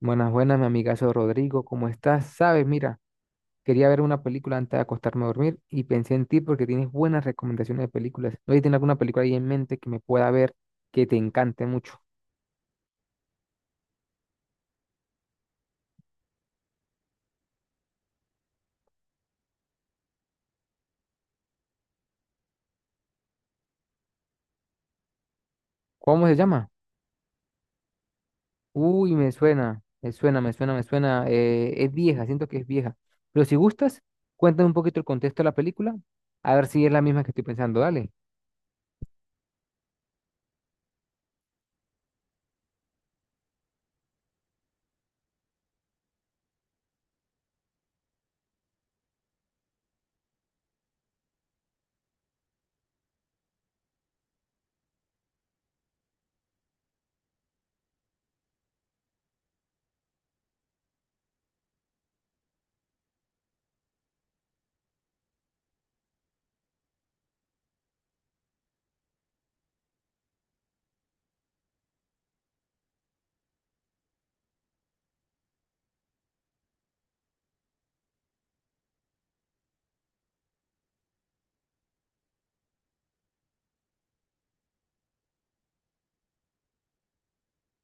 Buenas, buenas, mi amigazo Rodrigo, ¿cómo estás? Sabes, mira, quería ver una película antes de acostarme a dormir y pensé en ti porque tienes buenas recomendaciones de películas. ¿No tienes alguna película ahí en mente que me pueda ver que te encante mucho? ¿Cómo se llama? Uy, me suena, me suena, me suena, me suena. Es vieja, siento que es vieja. Pero si gustas, cuéntame un poquito el contexto de la película, a ver si es la misma que estoy pensando, dale.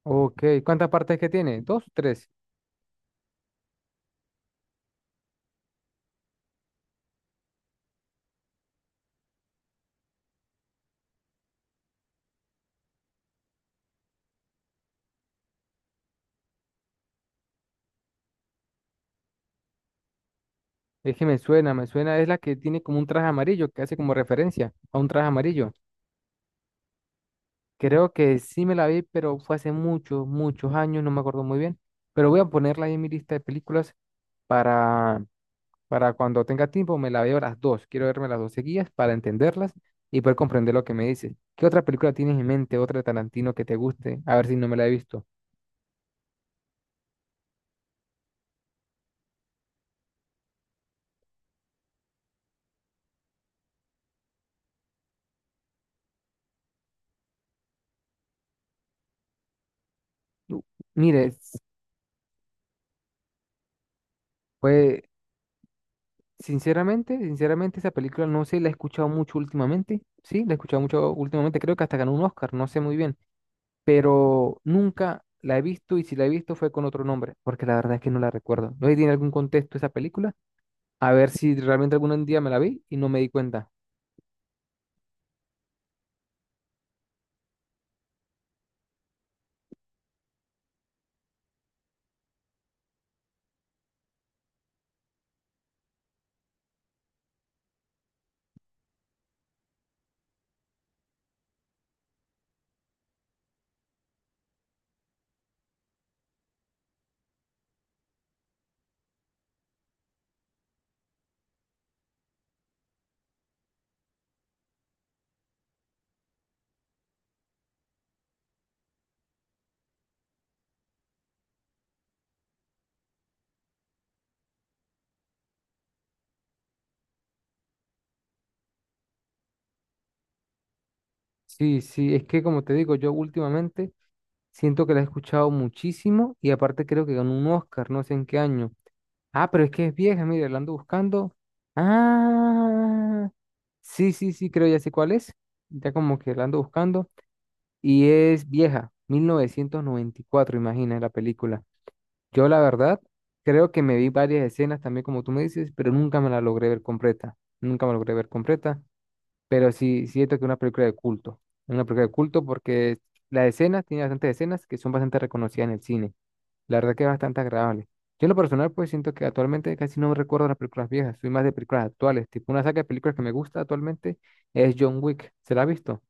Ok, ¿cuántas partes que tiene? ¿Dos, tres? Es que me suena, es la que tiene como un traje amarillo, que hace como referencia a un traje amarillo. Creo que sí me la vi, pero fue hace muchos, muchos años, no me acuerdo muy bien. Pero voy a ponerla ahí en mi lista de películas para, para cuando tenga tiempo me la veo las dos. Quiero verme las dos seguidas para entenderlas y poder comprender lo que me dice. ¿Qué otra película tienes en mente, otra de Tarantino que te guste? A ver si no me la he visto. U- Mire, pues sinceramente, sinceramente esa película no sé, la he escuchado mucho últimamente. Sí, la he escuchado mucho últimamente. Creo que hasta ganó un Oscar, no sé muy bien. Pero nunca la he visto y si la he visto fue con otro nombre, porque la verdad es que no la recuerdo. No sé si tiene algún contexto esa película, a ver si realmente algún día me la vi y no me di cuenta. Sí, sí, es que como te digo, yo últimamente siento que la he escuchado muchísimo y aparte creo que ganó un Oscar, no sé en qué año. Ah, pero es que es vieja, mire, la ando buscando. Ah, sí, sí, sí, creo ya sé cuál es. Ya como que la ando buscando y es vieja, 1994, imagina la película. Yo la verdad creo que me vi varias escenas también como tú me dices, pero nunca me la logré ver completa. Nunca me la logré ver completa, pero sí siento que es una película de culto. Una película de culto porque las escenas, tiene bastantes escenas que son bastante reconocidas en el cine. La verdad que es bastante agradable. Yo en lo personal pues siento que actualmente casi no recuerdo las películas viejas, soy más de películas actuales. Tipo una saga de películas que me gusta actualmente es John Wick. ¿Se la ha visto?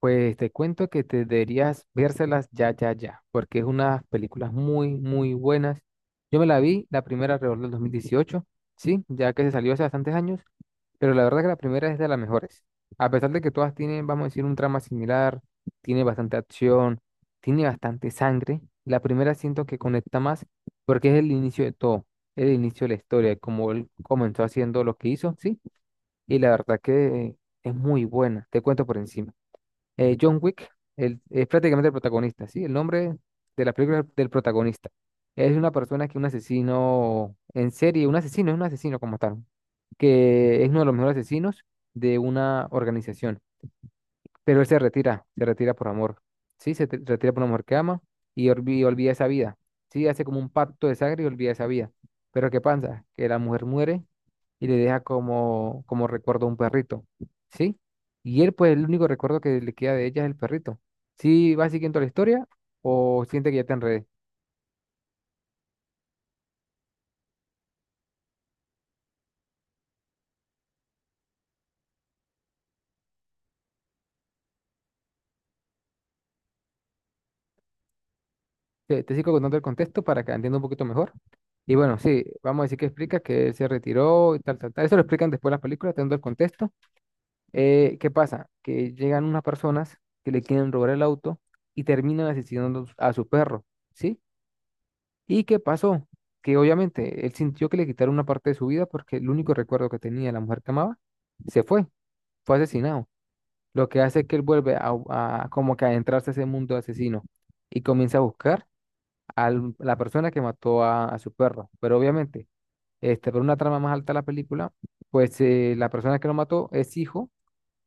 Pues te cuento que te deberías vérselas ya, ya, ya, porque es unas películas muy, muy buenas. Yo me la vi, la primera alrededor del 2018, sí, ya que se salió hace bastantes años, pero la verdad que la primera es de las mejores. A pesar de que todas tienen, vamos a decir, un trama similar, tiene bastante acción, tiene bastante sangre, la primera siento que conecta más porque es el inicio de todo, el inicio de la historia, como él comenzó haciendo lo que hizo, sí, y la verdad que es muy buena, te cuento por encima. John Wick es prácticamente el protagonista, ¿sí? El nombre de la película del protagonista. Es una persona que es un asesino en serie, un asesino, es un asesino como tal, que es uno de los mejores asesinos de una organización. Pero él se retira por amor. Sí, se retira por una mujer que ama y olvida esa vida. Sí, hace como un pacto de sangre y olvida esa vida. Pero ¿qué pasa? Que la mujer muere y le deja como recuerdo un perrito. ¿Sí? Y él, pues, el único recuerdo que le queda de ella es el perrito. ¿Sí va siguiendo la historia o siente que ya te enredé? Te sigo contando el contexto para que entienda un poquito mejor. Y bueno, sí, vamos a decir que explica que él se retiró y tal, tal, tal. Eso lo explican después en las películas, teniendo el contexto. ¿Qué pasa? Que llegan unas personas que le quieren robar el auto y terminan asesinando a su perro, ¿sí? ¿Y qué pasó? Que obviamente él sintió que le quitaron una parte de su vida porque el único recuerdo que tenía de la mujer que amaba se fue, fue asesinado. Lo que hace que él vuelve a como que adentrarse a ese mundo de asesino y comienza a buscar a la persona que mató a su perro. Pero obviamente, este, por una trama más alta de la película, pues la persona que lo mató es hijo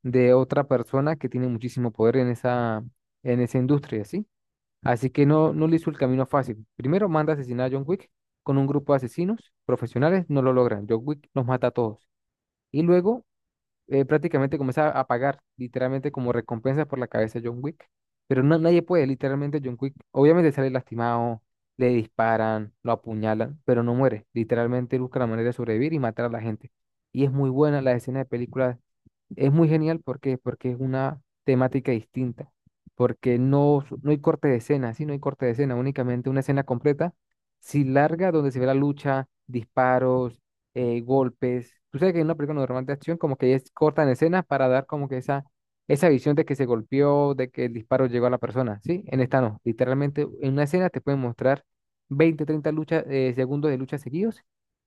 de otra persona que tiene muchísimo poder en en esa industria, ¿sí? Así que no, no le hizo el camino fácil. Primero manda a asesinar a John Wick con un grupo de asesinos profesionales, no lo logran. John Wick los mata a todos. Y luego prácticamente comienza a pagar, literalmente como recompensa por la cabeza de John Wick. Pero no, nadie puede, literalmente John Wick, obviamente sale lastimado, le disparan, lo apuñalan, pero no muere. Literalmente busca la manera de sobrevivir y matar a la gente. Y es muy buena la escena de película, es muy genial porque, es una temática distinta, porque no, no hay corte de escena, sí, no hay corte de escena, únicamente una escena completa, sí larga, donde se ve la lucha, disparos, golpes. Tú sabes que en una película normal de acción como que es corta en escena para dar como que esa visión de que se golpeó, de que el disparo llegó a la persona, ¿sí? En esta no, literalmente en una escena te pueden mostrar 20 30 luchas, segundos de lucha seguidos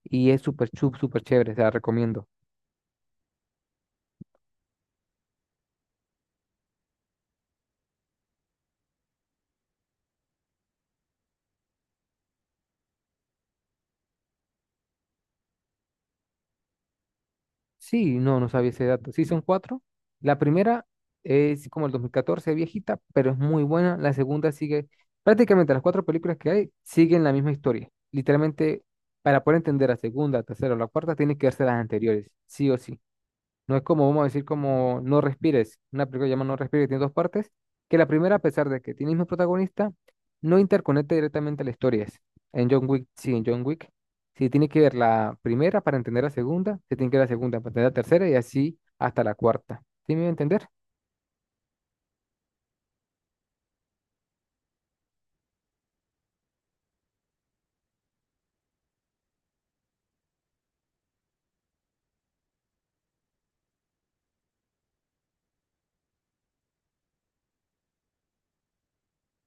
y es súper, súper chévere, te la recomiendo. Sí, no, no sabía ese dato. Sí, son cuatro. La primera es como el 2014, viejita, pero es muy buena. La segunda sigue, prácticamente las cuatro películas que hay siguen la misma historia. Literalmente, para poder entender la segunda, la tercera o la cuarta, tiene que verse las anteriores, sí o sí. No es como, vamos a decir, como No Respires, una película que se llama No Respires, que tiene dos partes, que la primera, a pesar de que tiene el mismo protagonista, no interconecta directamente a la historia. En John Wick, sí, en John Wick, sí, tiene que ver la primera para entender la segunda, se tiene que ver la segunda para entender la tercera y así hasta la cuarta. ¿Sí me voy a entender?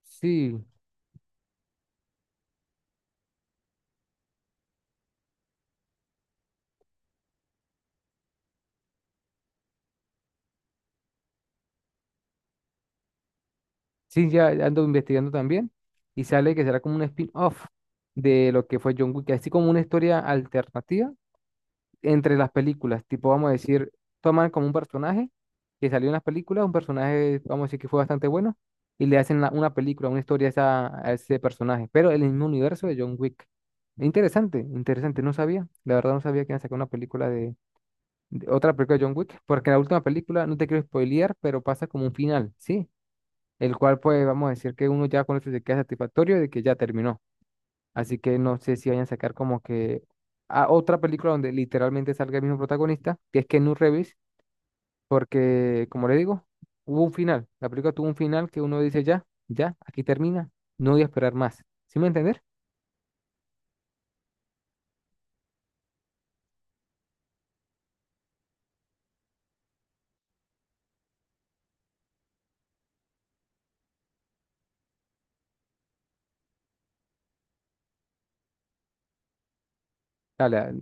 Sí, sí, ya ando investigando también y sale que será como un spin-off de lo que fue John Wick, así como una historia alternativa entre las películas, tipo, vamos a decir, toman como un personaje que salió en las películas, un personaje, vamos a decir que fue bastante bueno, y le hacen una película, una historia a ese personaje, pero en el mismo universo de John Wick. Interesante, interesante, no sabía, la verdad no sabía que iban a sacar una película otra película de John Wick, porque la última película, no te quiero spoilear, pero pasa como un final, ¿sí? El cual pues vamos a decir que uno ya con eso se queda satisfactorio de que ya terminó. Así que no sé si vayan a sacar como que a otra película donde literalmente salga el mismo protagonista, que es Keanu Reeves, porque como le digo, hubo un final. La película tuvo un final que uno dice ya, ya, aquí termina, no voy a esperar más. ¿Sí me va a entender? Dale, dale.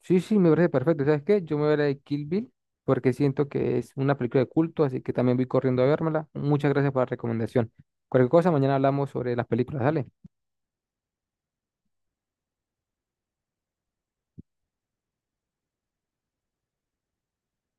Sí, sí, me parece perfecto. ¿Sabes qué? Yo me voy a ver la de Kill Bill porque siento que es una película de culto, así que también voy corriendo a vérmela. Muchas gracias por la recomendación. Cualquier cosa, mañana hablamos sobre las películas. Dale.